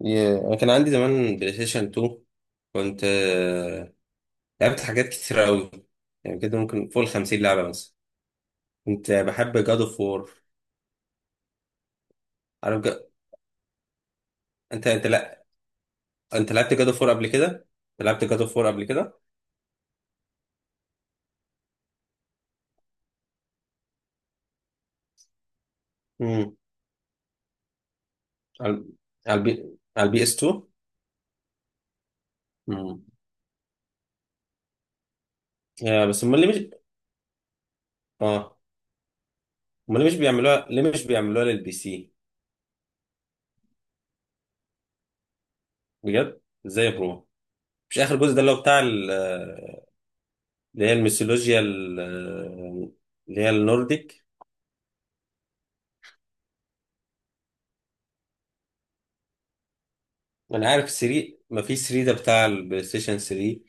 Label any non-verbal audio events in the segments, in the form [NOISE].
أنا كان عندي زمان بلاي ستيشن 2. كنت لعبت حاجات كتيرة أوي، يعني كده ممكن فوق الـ50 لعبة مثلا. كنت بحب جاد اوف وور. عارف جا... أنت لأ. أنت لعبت جاد اوف وور قبل كده؟ لعبت جاد اوف وور قبل كده؟ امم. على على البي على البي اس 2. امم. يا بس أمال ليه مش آه أمال ليه مش بيعملوها، للبي سي؟ بجد؟ إزاي يا برو؟ مش آخر جزء ده اللي هو بتاع اللي هي الميثولوجيا اللي هي النورديك. ما انا عارف 3، ما في 3 ده بتاع البلاي ستيشن 3،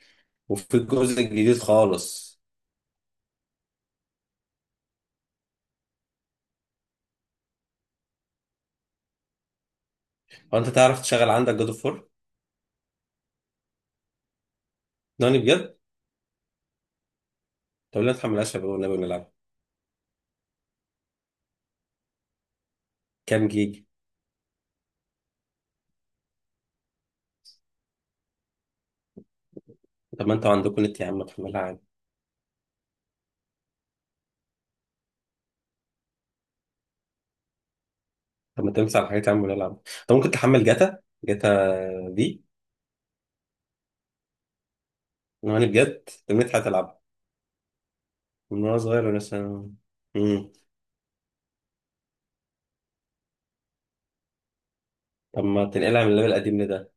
وفي الجزء الجديد خالص. هو انت تعرف تشغل عندك جود اوف 4؟ ناني بجد؟ طب ليه ما تحملهاش يا بابا والنبي ونلعب؟ كام جيجا؟ طب ما انتوا عندكم نت يا عم، ما تحملها عادي. طب ما تمسح الحاجات يا عم ونلعب. طب ممكن تحمل جاتا؟ جاتا دي. ناني بجد، النت هتلعبها. من وانا صغير وانا مثلا. امم. طب ما تنقلها من الليفل القديم لده.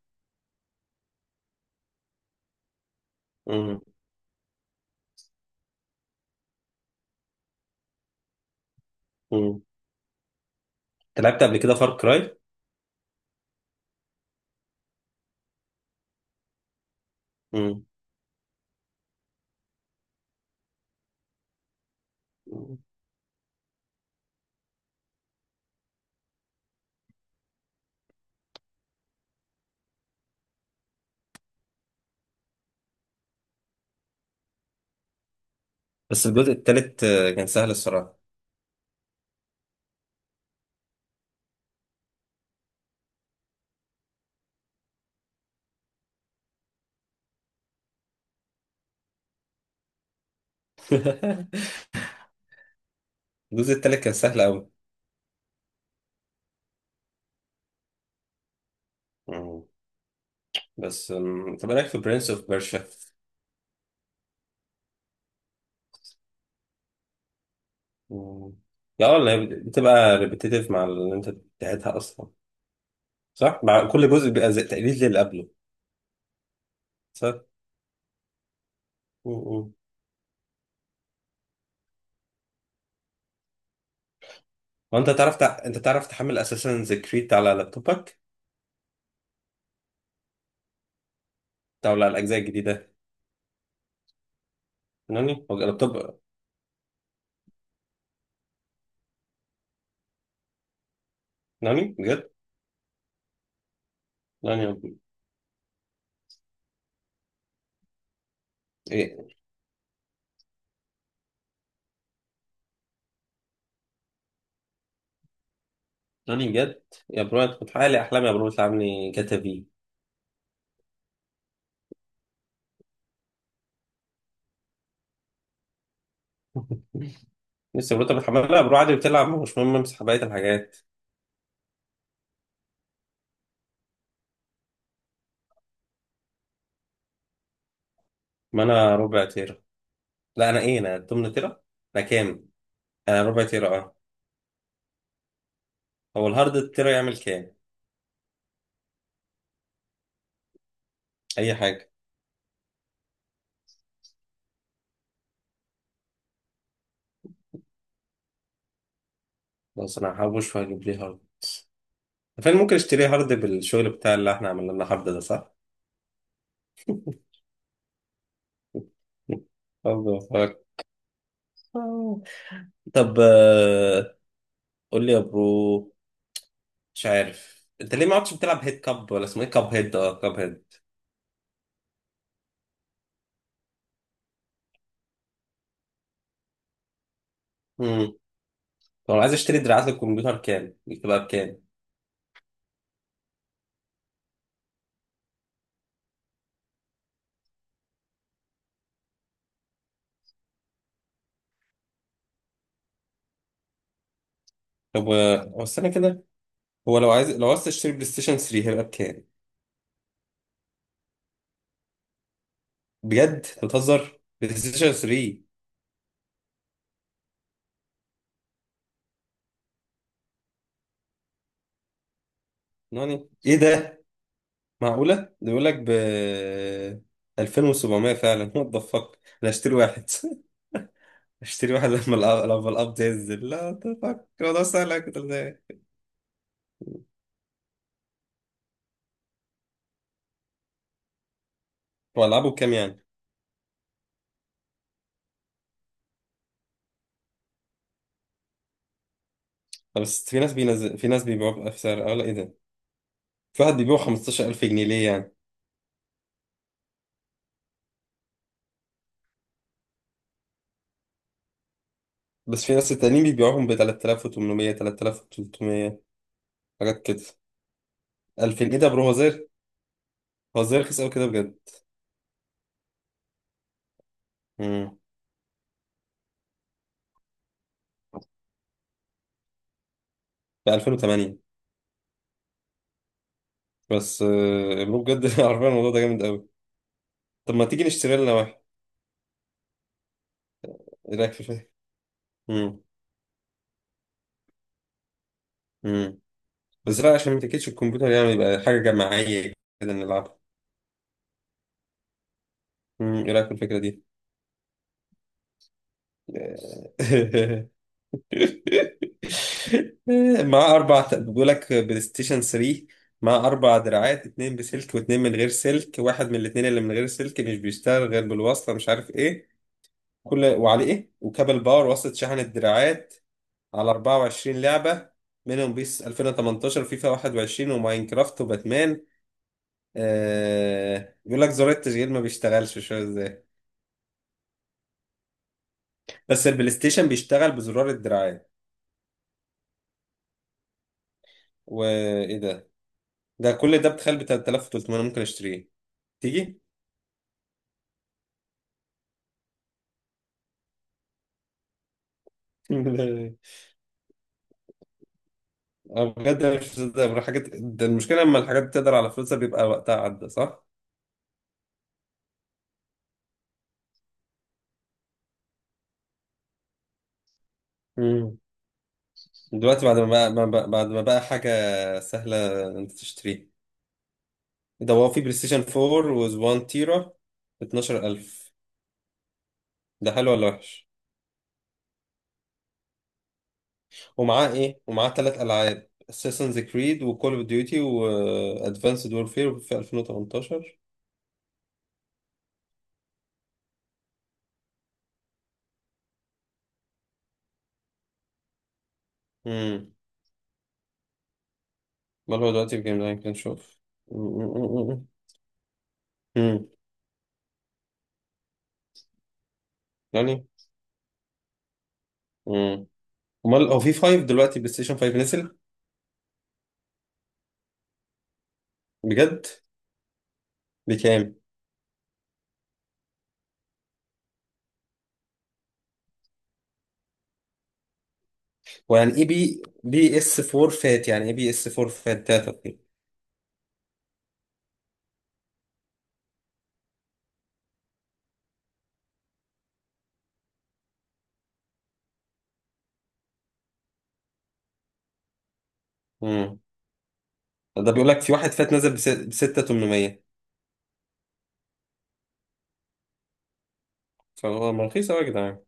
امم. امم. انت لعبت قبل كده فار كراي؟ امم. بس الجزء التالت كان سهل الصراحه. [LAUGHS] الجزء التالت كان سهل أوي. مم. بس طب إيه رأيك في برنس أوف بيرشا؟ مم. لا والله، بتبقى ريبيتيتيف مع اللي أنت بتاعتها أصلا. صح؟ مع كل جزء بيبقى زي تقليد للي قبله. صح؟ مم. مم. أنت تعرف تحمل أساسا كريد على لابتوبك؟ أو على الأجزاء الجديدة؟ ناني؟ هو لابتوب. ناني؟ بجد؟ ناني برو. إيه؟ ناني بجد؟ يا برو، أنت بتحقق لي أحلامي، يا برو بتلعب لي جاتا في. لسه يا برو، أنت بتحملها يا برو عادي بتلعب، مش مهم امسح بقية الحاجات. ما أنا ربع تير. لا، انا انا 8 تيرا. انا كام. انا ربع تيرا اه. هو الهارد التيرا يعمل كام؟ اي حاجه. بس انا هحوش واجيب لي هارد. فين ممكن اشتري هارد، بالشغل بتاع اللي احنا عملنا لنا هارد، ده صح؟ هارد وفاك. طب قول لي يا برو، مش عارف انت ليه ما عدتش بتلعب هيد كاب، ولا اسمه ايه، كاب هيد، اه، كاب هيد. امم. طب انا عايز اشتري دراعات للكمبيوتر، كام بتبقى بكام؟ طب هو استنى كده، هو لو عايز تشتري بلاي ستيشن 3 هيبقى بكام؟ بجد؟ أنت بتهزر، بلاي ستيشن 3؟ ناني، ايه ده؟ معقولة ده بيقول لك ب 2700؟ فعلا وات ذا فاك، انا هشتري واحد. [LAUGHS] هشتري واحد لما لما القبض ينزل. لا ذا فاك، الموضوع سهل أوي كده ازاي. هو العابه بكام يعني؟ طب بس في ناس بينزل، في ناس بيبيعوه بسعر اعلى، ايه ده؟ في واحد بيبيعه 15,000 جنيه، ليه يعني؟ بس في ناس التانيين بيبيعوهم ب 3800، 3300، حاجات كده. 2000، ايه ده يا برو؟ هو زير، هو زير رخيص قوي كده بجد. امم. ب 2008. بس برو بجد [LAUGHS] عارفين الموضوع ده جامد قوي. طب ما تيجي نشتري لنا؟ ايه رايك فيه. امم. امم. بس لا، عشان ما تاكلش الكمبيوتر يعني، يبقى حاجه جماعيه كده نلعبها. امم، ايه رايك في الفكره دي؟ [LAUGHS] مع اربع، بيقول لك بلاي ستيشن 3 مع اربع دراعات، اتنين بسلك واتنين من غير سلك، واحد من الاتنين اللي من غير سلك مش بيشتغل غير بالوصله، مش عارف ايه، كل وعليه ايه، وكابل باور، وصلة شحن الدراعات، على 24 لعبه، منهم بيس 2018، فيفا 21، وماينكرافت، وباتمان. آه، بيقول لك زرار التشغيل ما بيشتغلش، مش عارف ازاي، بس البلاي ستيشن بيشتغل بزرار الدراعات. وايه ده؟ ده كل ده بتخيل ب 3300 ممكن اشتريه. تيجي؟ [LAUGHS] لا، أنا بجد أنا مش مصدق بروح حاجات. ده المشكله، لما الحاجات بتقدر على فلوسها بيبقى وقتها عدى، صح؟ مم. دلوقتي بعد ما بقى حاجه سهله انت تشتريه. إيه ده، هو في بلاي ستيشن 4 و 1 تيرا ب 12,000. ده حلو ولا وحش؟ ومعاه ايه ومعاه ثلاث العاب Assassin's Creed، وكول اوف ديوتي، وادفانسد وورفير، في 2018. امم. امال هو دلوقتي في جيم لاين كان، شوف. امم، يعني، امم. امال هو في 5 دلوقتي، بلاي ستيشن 5 نزل؟ بجد؟ بكام؟ ويعني ايه بي بي اس 4 فات؟ يعني ايه بي اس 4 فات داتا؟ امم. ده بيقول لك في واحد فات نزل ب 6800. فهو ما رخيص قوي يا جدعان.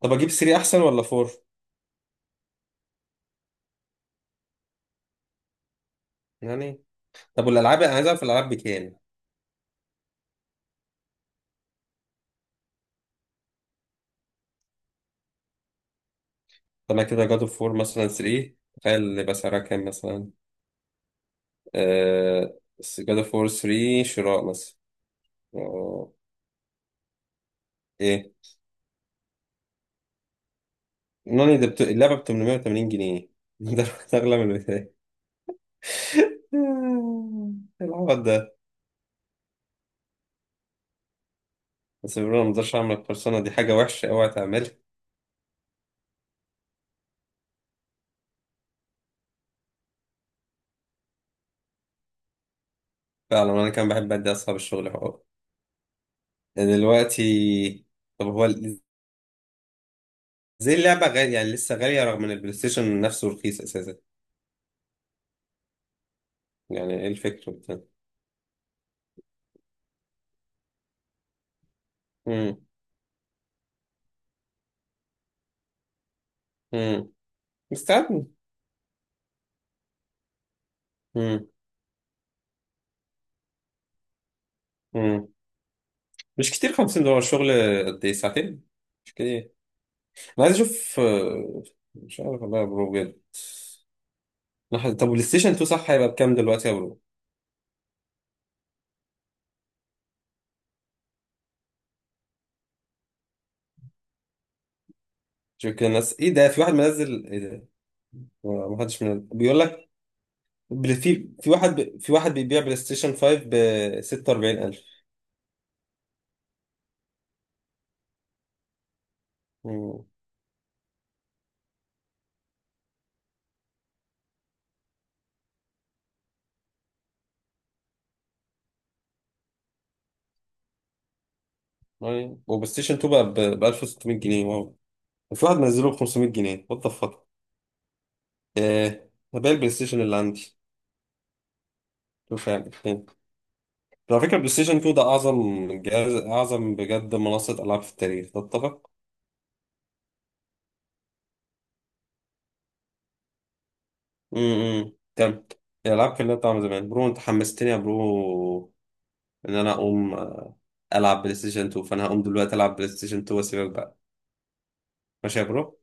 طب اجيب 3 احسن ولا 4؟ يعني. طب والالعاب، انا عايز اعرف الالعاب بكام. طلع كده، جاد اوف وور مثلا 3، تخيل يبقى سعرها كام مثلا. آه، جاد اوف وور 3 شراء مثلا. آه، ايه. نوني، ده اللعبة ب 880 جنيه [LAUGHS] ده اغلى من البداية. [LAUGHS] العبط ده. بس بيقولوا، أنا ما اقدرش اعمل القرصنة دي، حاجة وحشة اوعى تعملها. فعلا انا كان بحب ادي اصحاب الشغل حقوق. دلوقتي، طب هو زي اللعبة غالية يعني، لسه غالية رغم ان البلاي ستيشن نفسه رخيص اساسا. يعني ايه الفكرة بتاعتها؟ مم. مم. مستعد. مم. مش كتير 50 دولار؟ شغل قد ايه، ساعتين؟ مش كتير. انا عايز اشوف مش عارف والله يا برو بجد. لحظة، طب والبلاي ستيشن 2 صح هيبقى بكام دلوقتي يا برو؟ شوف كده الناس، ايه ده، في واحد منزل ايه ده؟ ما حدش منزل بيقول لك. في واحد بيبيع بلاي ستيشن 5 ب 46,000. مم. يعني وبلاي ستيشن 2 بقى ب 1600 جنيه، واو، في واحد منزله ب 500 جنيه. وات ذا فاك، ايه، هبيع البلاي ستيشن اللي عندي. شوف يعني، على فكرة بلاي ستيشن 2 ده أعظم جهاز، أعظم بجد منصة ألعاب في التاريخ، تتفق؟ امم، تمام. الألعاب كلها بتاع زمان برو، أنت حمستني يا برو، إن أنا أقوم ألعب بلاي ستيشن 2. فأنا هقوم دلوقتي ألعب بلاي ستيشن 2 وأسيبك بقى. ماشي يا برو؟